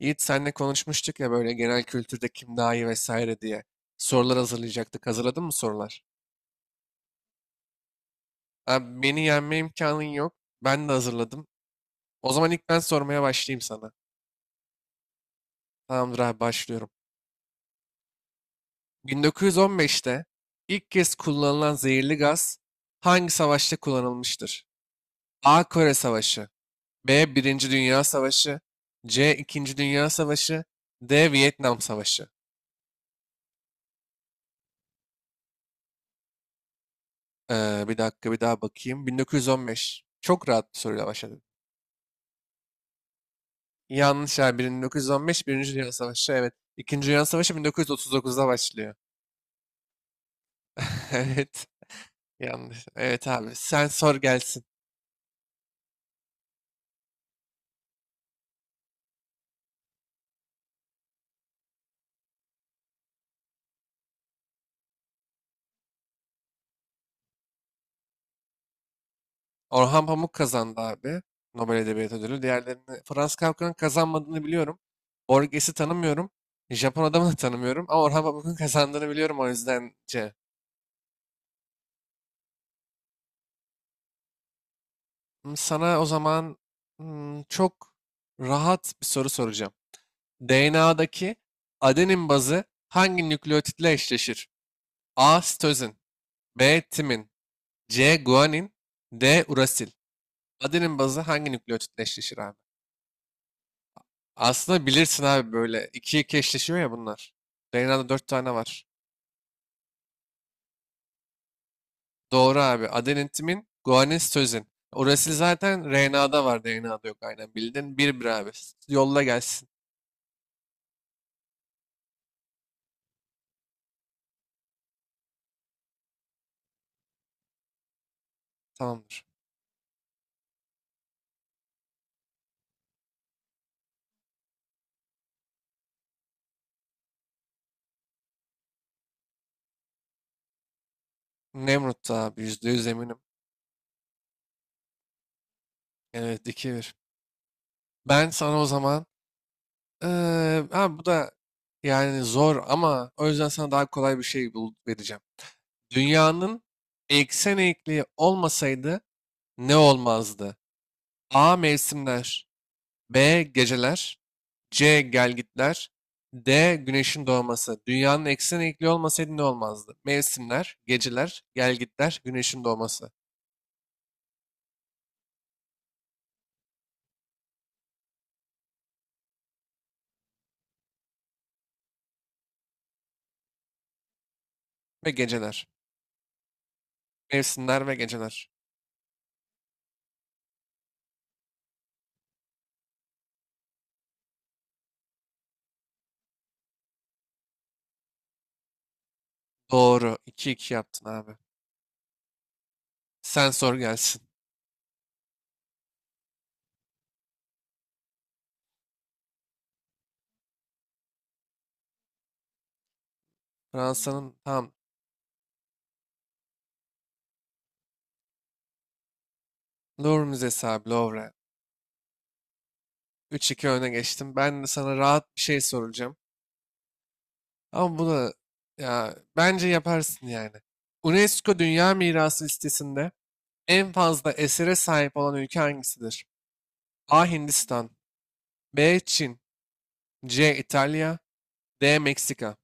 Yiğit senle konuşmuştuk ya böyle genel kültürde kim daha iyi vesaire diye. Sorular hazırlayacaktık. Hazırladın mı sorular? Abi beni yenme imkanın yok. Ben de hazırladım. O zaman ilk ben sormaya başlayayım sana. Tamamdır abi başlıyorum. 1915'te ilk kez kullanılan zehirli gaz hangi savaşta kullanılmıştır? A. Kore Savaşı. B. Birinci Dünya Savaşı. C. İkinci Dünya Savaşı. D. Vietnam Savaşı. Bir dakika bir daha bakayım. 1915. Çok rahat bir soruyla başladı. Yanlış abi. 1915 Birinci Dünya Savaşı. Evet. İkinci Dünya Savaşı 1939'da başlıyor. Evet. Yanlış. Evet abi. Sen sor gelsin. Orhan Pamuk kazandı abi. Nobel Edebiyat Ödülü. Diğerlerini, Franz Kafka'nın kazanmadığını biliyorum. Borges'i tanımıyorum. Japon adamı da tanımıyorum. Ama Orhan Pamuk'un kazandığını biliyorum, o yüzden C. Sana o zaman çok rahat bir soru soracağım. DNA'daki adenin bazı hangi nükleotitle eşleşir? A. Sitozin. B. Timin. C. Guanin. D. Urasil. Adenin bazı hangi nükleotit eşleşir abi? Aslında bilirsin abi, böyle 2 2 eşleşiyor ya bunlar. RNA'da 4 tane var. Doğru abi. Adenin, timin, guanin, sitozin. Urasil zaten RNA'da var, DNA'da yok. Aynen bildin. 1-1 abi. Yolla gelsin. Tamamdır. Nemrut da abi, %100 eminim. Evet, 2-1. Ben sana o zaman abi, bu da yani zor, ama o yüzden sana daha kolay bir şey bul vereceğim. Dünyanın eksen eğikliği olmasaydı ne olmazdı? A. Mevsimler. B. Geceler. C. Gelgitler. D. Güneşin doğması. Dünyanın eksen eğikliği olmasaydı ne olmazdı? Mevsimler, geceler, gelgitler, güneşin doğması ve geceler. Mevsimler ve geceler. Doğru. 2-2 yaptın abi. Sen sor gelsin. Fransa'nın tam Louvre Müzesi abi, Louvre. 3-2 öne geçtim. Ben de sana rahat bir şey soracağım. Ama bu da, ya, bence yaparsın yani. UNESCO Dünya Mirası listesinde en fazla esere sahip olan ülke hangisidir? A. Hindistan. B. Çin. C. İtalya. D. Meksika.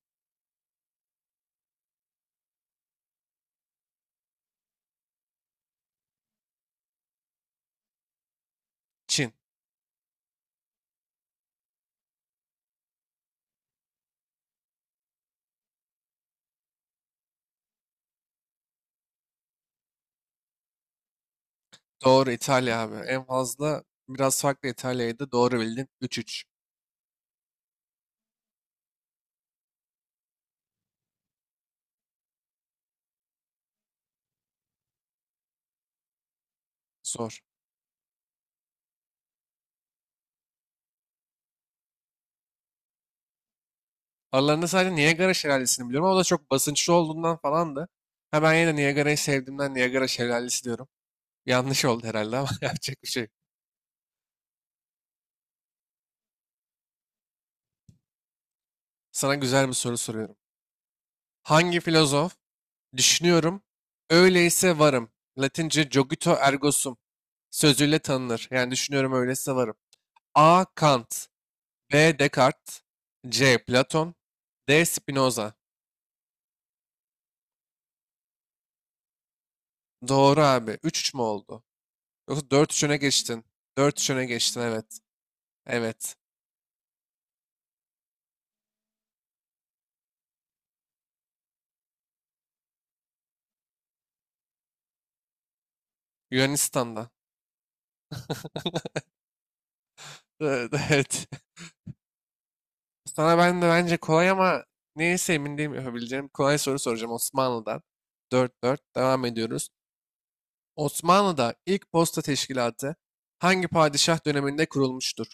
Çin. Doğru, İtalya abi. En fazla biraz farklı, İtalya'ydı. Doğru bildin. 3-3. Sor. Aralarında sadece Niagara Şelalesi'ni biliyorum, ama o da çok basınçlı olduğundan falandı. Ha, ben yine de Niagara'yı sevdiğimden Niagara Şelalesi diyorum. Yanlış oldu herhalde ama yapacak bir şey yok. Sana güzel bir soru soruyorum. Hangi filozof düşünüyorum, öyleyse varım, Latince cogito ergo sum sözüyle tanınır? Yani düşünüyorum, öyleyse varım. A. Kant. B. Descartes. C. Platon. D. Spinoza. Doğru abi. Üç üç mü oldu? Yoksa dört 3 öne geçtin. Dört 3 öne geçtin, evet. Evet. Yunanistan'da. Evet. Evet. Sana ben de bence kolay, ama neyse, emin değilim yapabileceğim. Kolay soru soracağım Osmanlı'dan. 4-4 devam ediyoruz. Osmanlı'da ilk posta teşkilatı hangi padişah döneminde kurulmuştur?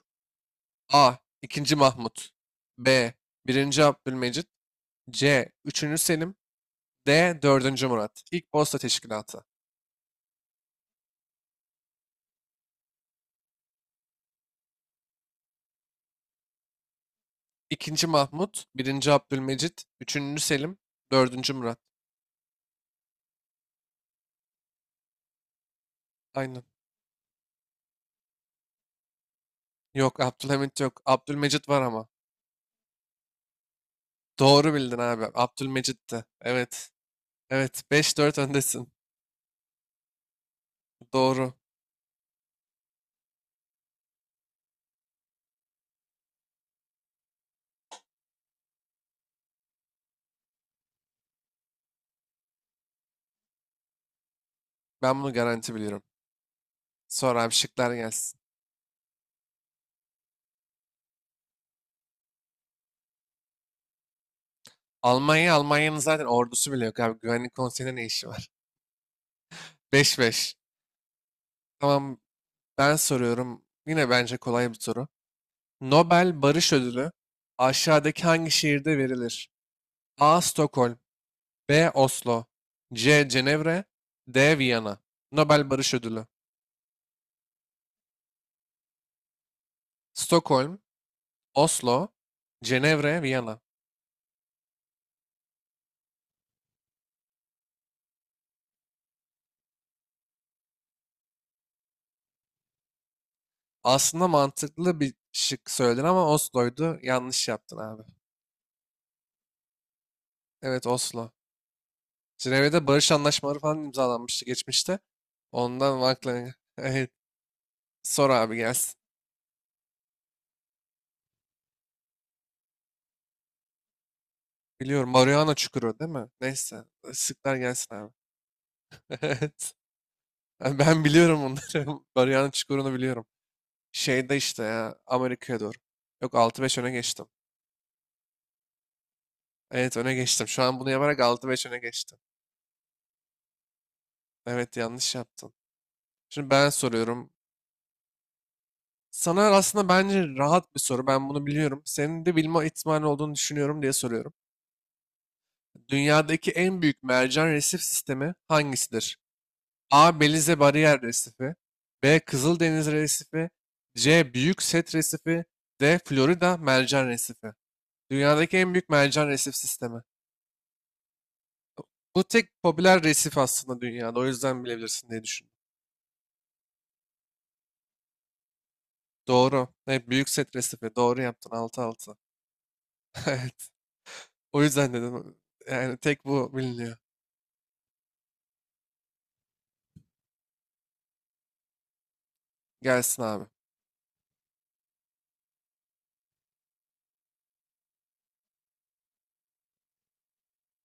A. 2. Mahmut. B. Birinci Abdülmecit. C. Üçüncü Selim. D. Dördüncü Murat. İlk posta teşkilatı: 2. Mahmut, Birinci Abdülmecit, Üçüncü Selim, Dördüncü Murat. Aynen. Yok, Abdülhamit yok. Abdülmecit var ama. Doğru bildin abi. Abdülmecit'ti. Evet. Evet. 5-4 öndesin. Doğru. Ben bunu garanti biliyorum. Sonra abi şıklar gelsin. Almanya, Almanya'nın zaten ordusu bile yok abi. Güvenlik konseyinde ne işi var? 5-5. Tamam, ben soruyorum. Yine bence kolay bir soru. Nobel Barış Ödülü aşağıdaki hangi şehirde verilir? A. Stockholm. B. Oslo. C. Cenevre. D. Viyana. Nobel Barış Ödülü. Stockholm, Oslo, Cenevre, Viyana. Aslında mantıklı bir şık söyledin, ama Oslo'ydu. Yanlış yaptın abi. Evet, Oslo. Cenevre'de barış anlaşmaları falan imzalanmıştı geçmişte. Ondan vakla. Evet, sor abi gelsin. Biliyorum, Mariana Çukuru değil mi? Neyse, sıklar gelsin abi. Evet. Ben biliyorum onları. Mariana Çukuru'nu biliyorum. Şeyde işte ya, Amerika'ya doğru. Yok, 6-5 öne geçtim. Evet, öne geçtim. Şu an bunu yaparak 6-5 öne geçtim. Evet, yanlış yaptın. Şimdi ben soruyorum. Sana aslında bence rahat bir soru. Ben bunu biliyorum. Senin de bilme ihtimali olduğunu düşünüyorum diye soruyorum. Dünyadaki en büyük mercan resif sistemi hangisidir? A. Belize Bariyer Resifi. B. Kızıldeniz Resifi. C. Büyük Set Resifi. D. Florida Mercan Resifi. Dünyadaki en büyük mercan resif sistemi. Bu tek popüler resif aslında dünyada. O yüzden bilebilirsin diye düşündüm. Doğru. Evet, Büyük Set Resifi. Doğru yaptın. 6-6. Evet. O yüzden dedim. Yani tek bu biliniyor. Gelsin abi.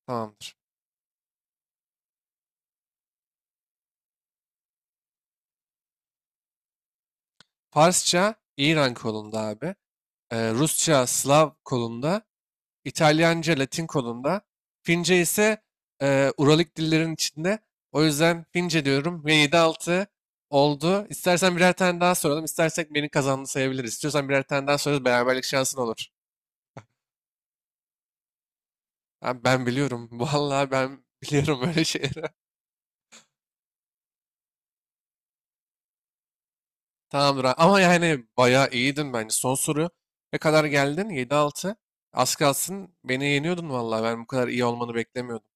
Tamamdır. Farsça İran kolunda abi. Rusça Slav kolunda. İtalyanca Latin kolunda. Fince ise Uralik dillerin içinde. O yüzden Fince diyorum ve 7-6 oldu. İstersen birer tane daha soralım. İstersek beni kazandı sayabiliriz. İstiyorsan birer tane daha sorarız. Beraberlik şansın olur. Abi ben biliyorum. Vallahi ben biliyorum böyle şeyleri. Tamamdır abi. Ama yani bayağı iyiydin bence. Son soru, ne kadar geldin? 7-6. Az kalsın beni yeniyordun vallahi. Ben bu kadar iyi olmanı beklemiyordum.